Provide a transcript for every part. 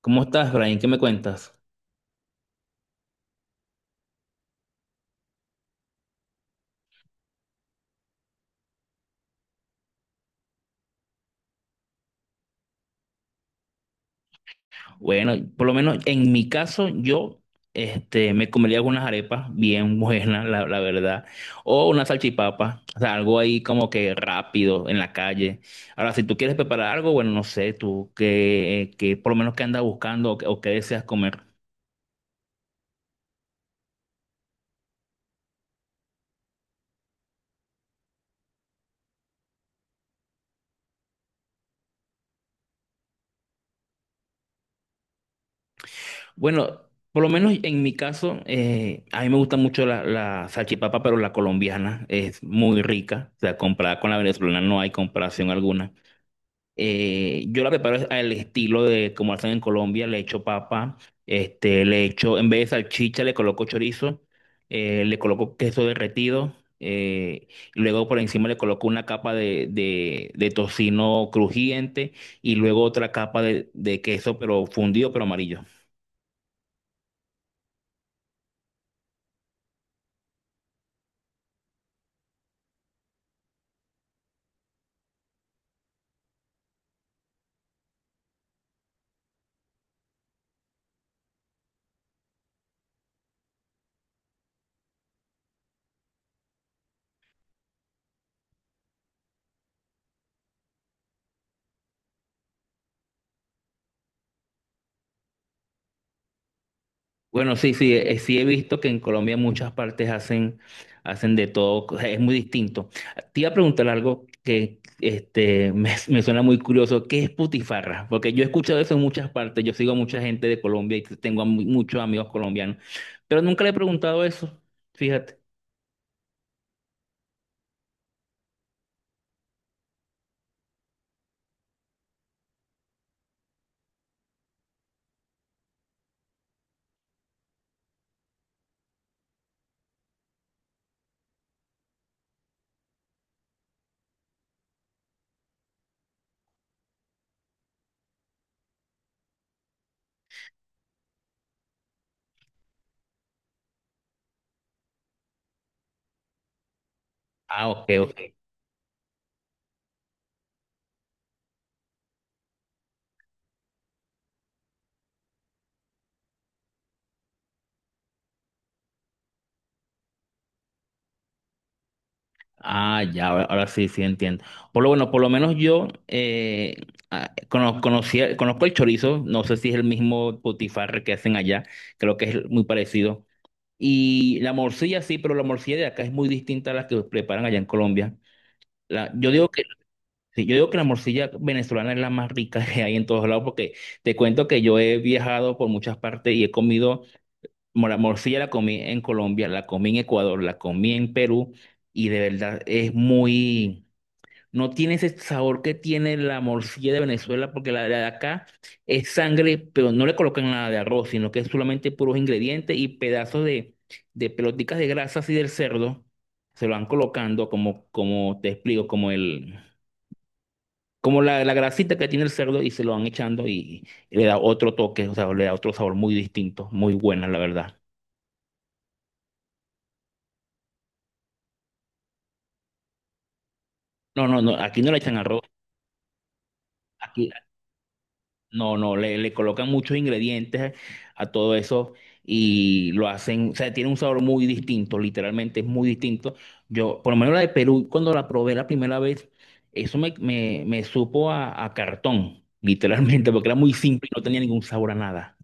¿Cómo estás, Brian? ¿Qué me cuentas? Bueno, por lo menos en mi caso, yo me comería algunas arepas bien buenas, la verdad, o una salchipapa, o sea, algo ahí como que rápido en la calle. Ahora, si tú quieres preparar algo, bueno, no sé, tú qué por lo menos qué andas buscando qué o qué deseas comer. Bueno, por lo menos en mi caso, a mí me gusta mucho la salchipapa, pero la colombiana es muy rica, o sea, comparada con la venezolana no hay comparación alguna. Yo la preparo al estilo de como hacen en Colombia, le echo papa, le echo, en vez de salchicha le coloco chorizo, le coloco queso derretido, y luego por encima le coloco una capa de tocino crujiente y luego otra capa de queso pero fundido pero amarillo. Bueno, sí, sí, sí he visto que en Colombia muchas partes hacen de todo, o sea, es muy distinto. Te iba a preguntar algo que me suena muy curioso, ¿qué es putifarra? Porque yo he escuchado eso en muchas partes, yo sigo a mucha gente de Colombia y tengo a muchos amigos colombianos, pero nunca le he preguntado eso, fíjate. Ah, ok, ok. Ah, ya, ahora sí, sí entiendo. Por lo bueno, por lo menos yo conozco el chorizo, no sé si es el mismo potifarre que hacen allá, creo que es muy parecido. Y la morcilla sí, pero la morcilla de acá es muy distinta a la que preparan allá en Colombia. La- yo digo que, sí, yo digo que la morcilla venezolana es la más rica que hay en todos lados, porque te cuento que yo he viajado por muchas partes y he la morcilla la comí en Colombia, la comí en Ecuador, la comí en Perú, y de verdad es muy... No tiene ese sabor que tiene la morcilla de Venezuela, porque de acá es sangre, pero no le colocan nada de arroz, sino que es solamente puros ingredientes y pedazos de pelotitas de grasa así del cerdo. Se lo van colocando como, como te explico, como la grasita que tiene el cerdo y se lo van echando y le da otro toque, o sea, le da otro sabor muy distinto, muy buena, la verdad. No, no, no, aquí no le echan arroz. Aquí No, no, le colocan muchos ingredientes a todo eso y lo hacen, o sea, tiene un sabor muy distinto, literalmente es muy distinto. Yo, por lo menos la de Perú, cuando la probé la primera vez, eso me supo a cartón, literalmente, porque era muy simple y no tenía ningún sabor a nada.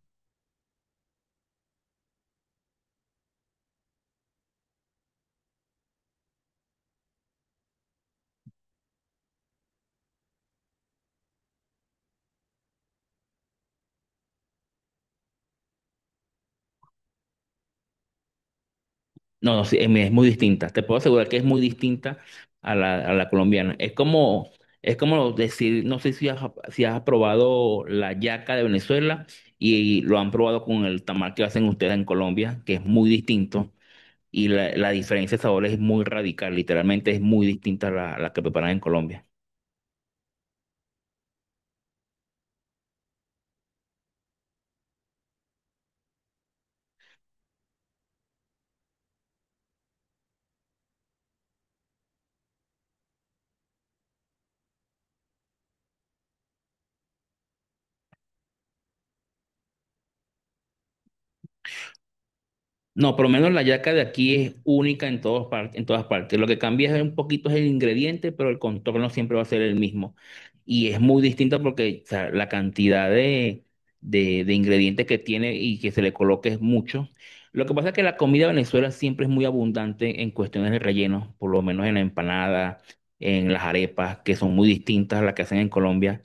No, no, sí, es muy distinta. Te puedo asegurar que es muy distinta a a la colombiana. Es como decir, no sé si si has probado la yaca de Venezuela y, lo han probado con el tamal que hacen ustedes en Colombia, que es muy distinto. Y la diferencia de sabor es muy radical, literalmente es muy distinta a a la que preparan en Colombia. No, por lo menos la yaca de aquí es única en todos en todas partes. Lo que cambia es un poquito es el ingrediente, pero el contorno siempre va a ser el mismo. Y es muy distinta porque o sea, la cantidad de ingredientes que tiene y que se le coloque es mucho. Lo que pasa es que la comida de Venezuela siempre es muy abundante en cuestiones de relleno, por lo menos en la empanada, en las arepas, que son muy distintas a las que hacen en Colombia.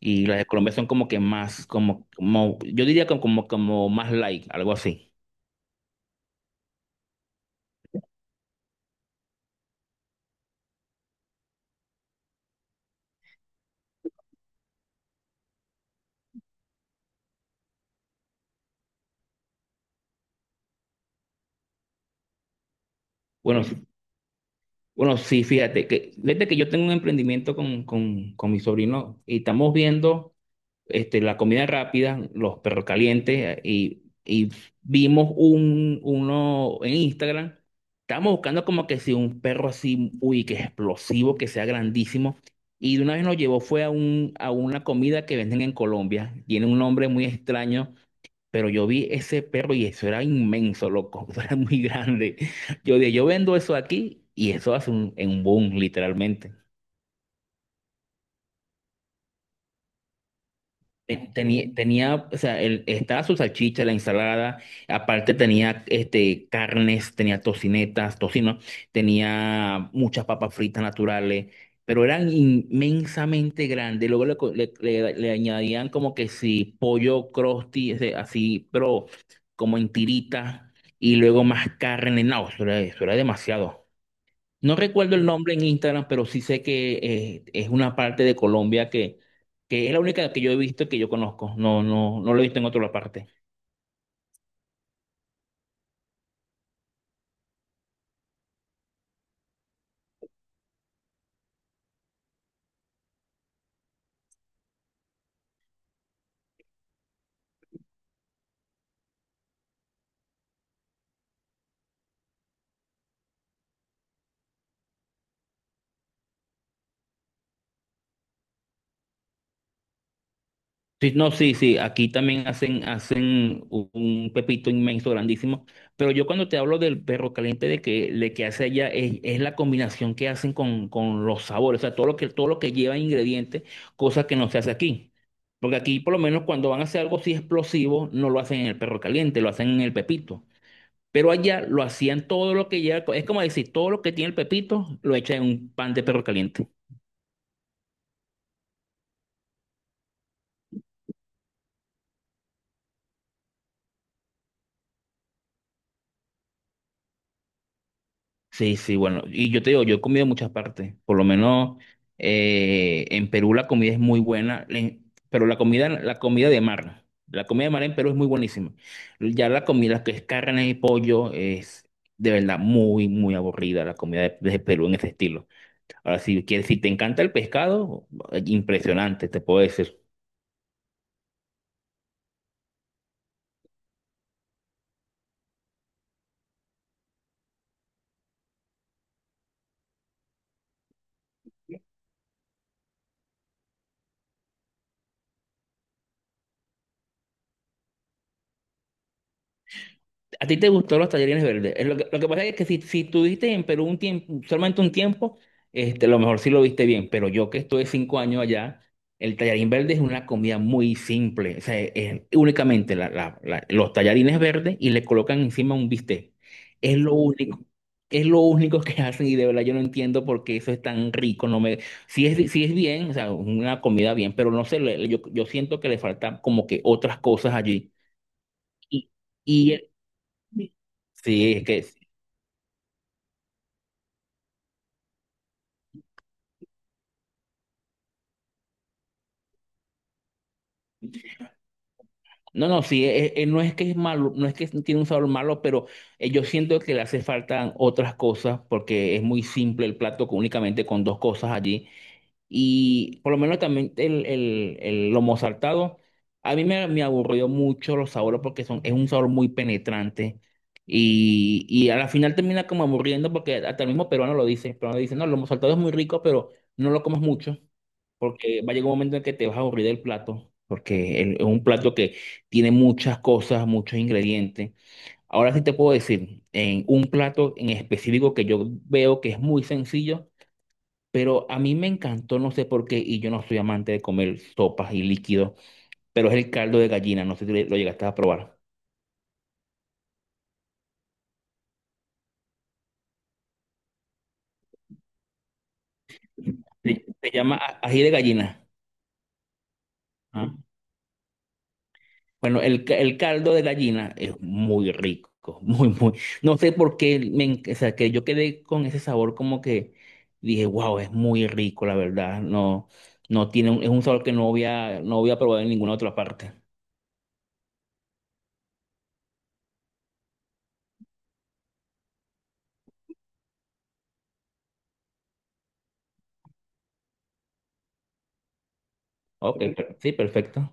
Y las de Colombia son como que más, como, como yo diría como más light, algo así. Bueno, Bueno, sí, fíjate, que desde que yo tengo un emprendimiento con mi sobrino y estamos viendo la comida rápida, los perros calientes y vimos uno en Instagram. Estábamos buscando como que si un perro así, uy, que explosivo, que sea grandísimo. Y de una vez nos llevó fue a una comida que venden en Colombia. Tiene un nombre muy extraño, pero yo vi ese perro y eso era inmenso, loco, eso era muy grande. Yo dije, yo vendo eso aquí y eso hace en un boom, literalmente. Tenía, o sea, estaba su salchicha, la ensalada, aparte tenía carnes, tenía tocinetas, tocino, tenía muchas papas fritas naturales, pero eran inmensamente grandes. Luego le, co- le- le- le añadían como que sí, pollo crusty ese, así, pero como en tiritas, y luego más carne. No, eso era demasiado. No recuerdo el nombre en Instagram, pero sí sé que es una parte de Colombia que es la única que yo he visto que yo conozco. No, no, no lo he visto en otra parte. Sí, no, sí, sí. Aquí también hacen un pepito inmenso, grandísimo. Pero yo cuando te hablo del perro caliente, de que hace allá, es la combinación que hacen con los sabores. O sea, todo lo que lleva ingredientes, cosa que no se hace aquí. Porque aquí, por lo menos, cuando van a hacer algo así explosivo, no lo hacen en el perro caliente, lo hacen en el pepito. Pero allá lo hacían todo lo que ya, es como decir, todo lo que tiene el pepito lo echa en un pan de perro caliente. Sí, sí, bueno, y yo te digo, yo he comido en muchas partes, por lo menos en Perú la comida es muy buena, pero la comida de mar, la comida de mar en Perú es muy buenísima. Ya la comida que es carne y pollo es de verdad muy aburrida la comida de Perú en ese estilo. Ahora, si quieres, si te encanta el pescado, impresionante, te puedo decir. A ti te gustó los tallarines verdes. Es Lo lo que pasa es que si tuviste en Perú un tiempo, solamente un tiempo, a lo mejor sí lo viste bien, pero yo que estuve 5 años allá, el tallarín verde es una comida muy simple. O sea, es únicamente los tallarines verdes y le colocan encima un bistec. Es lo único. Es lo único que hacen y de verdad yo no entiendo por qué eso es tan rico. Si si es bien, o sea, una comida bien, pero no sé, yo siento que le faltan como que otras cosas allí. Y, Sí. Sí, no, no, sí, no es que es malo, no es que tiene un sabor malo, pero yo siento que le hace falta otras cosas porque es muy simple el plato únicamente con dos cosas allí. Y por lo menos también el lomo saltado, a mí me aburrió mucho los sabores porque es un sabor muy penetrante. Y a la final termina como aburriendo porque hasta el mismo peruano lo dice, el peruano dice, no, el lomo saltado es muy rico, pero no lo comas mucho. Porque va a llegar un momento en que te vas a aburrir del plato, porque es un plato que tiene muchas cosas, muchos ingredientes. Ahora sí te puedo decir, en un plato en específico que yo veo que es muy sencillo, pero a mí me encantó, no sé por qué, y yo no soy amante de comer sopas y líquidos, pero es el caldo de gallina, no sé si lo llegaste a probar. Se llama ají de gallina. ¿Ah? Bueno, el caldo de gallina es muy rico, muy. No sé por qué, o sea, que yo quedé con ese sabor como que dije, wow, es muy rico, la verdad. No, es un sabor que no no había probado en ninguna otra parte. Ok, sí, perfecto.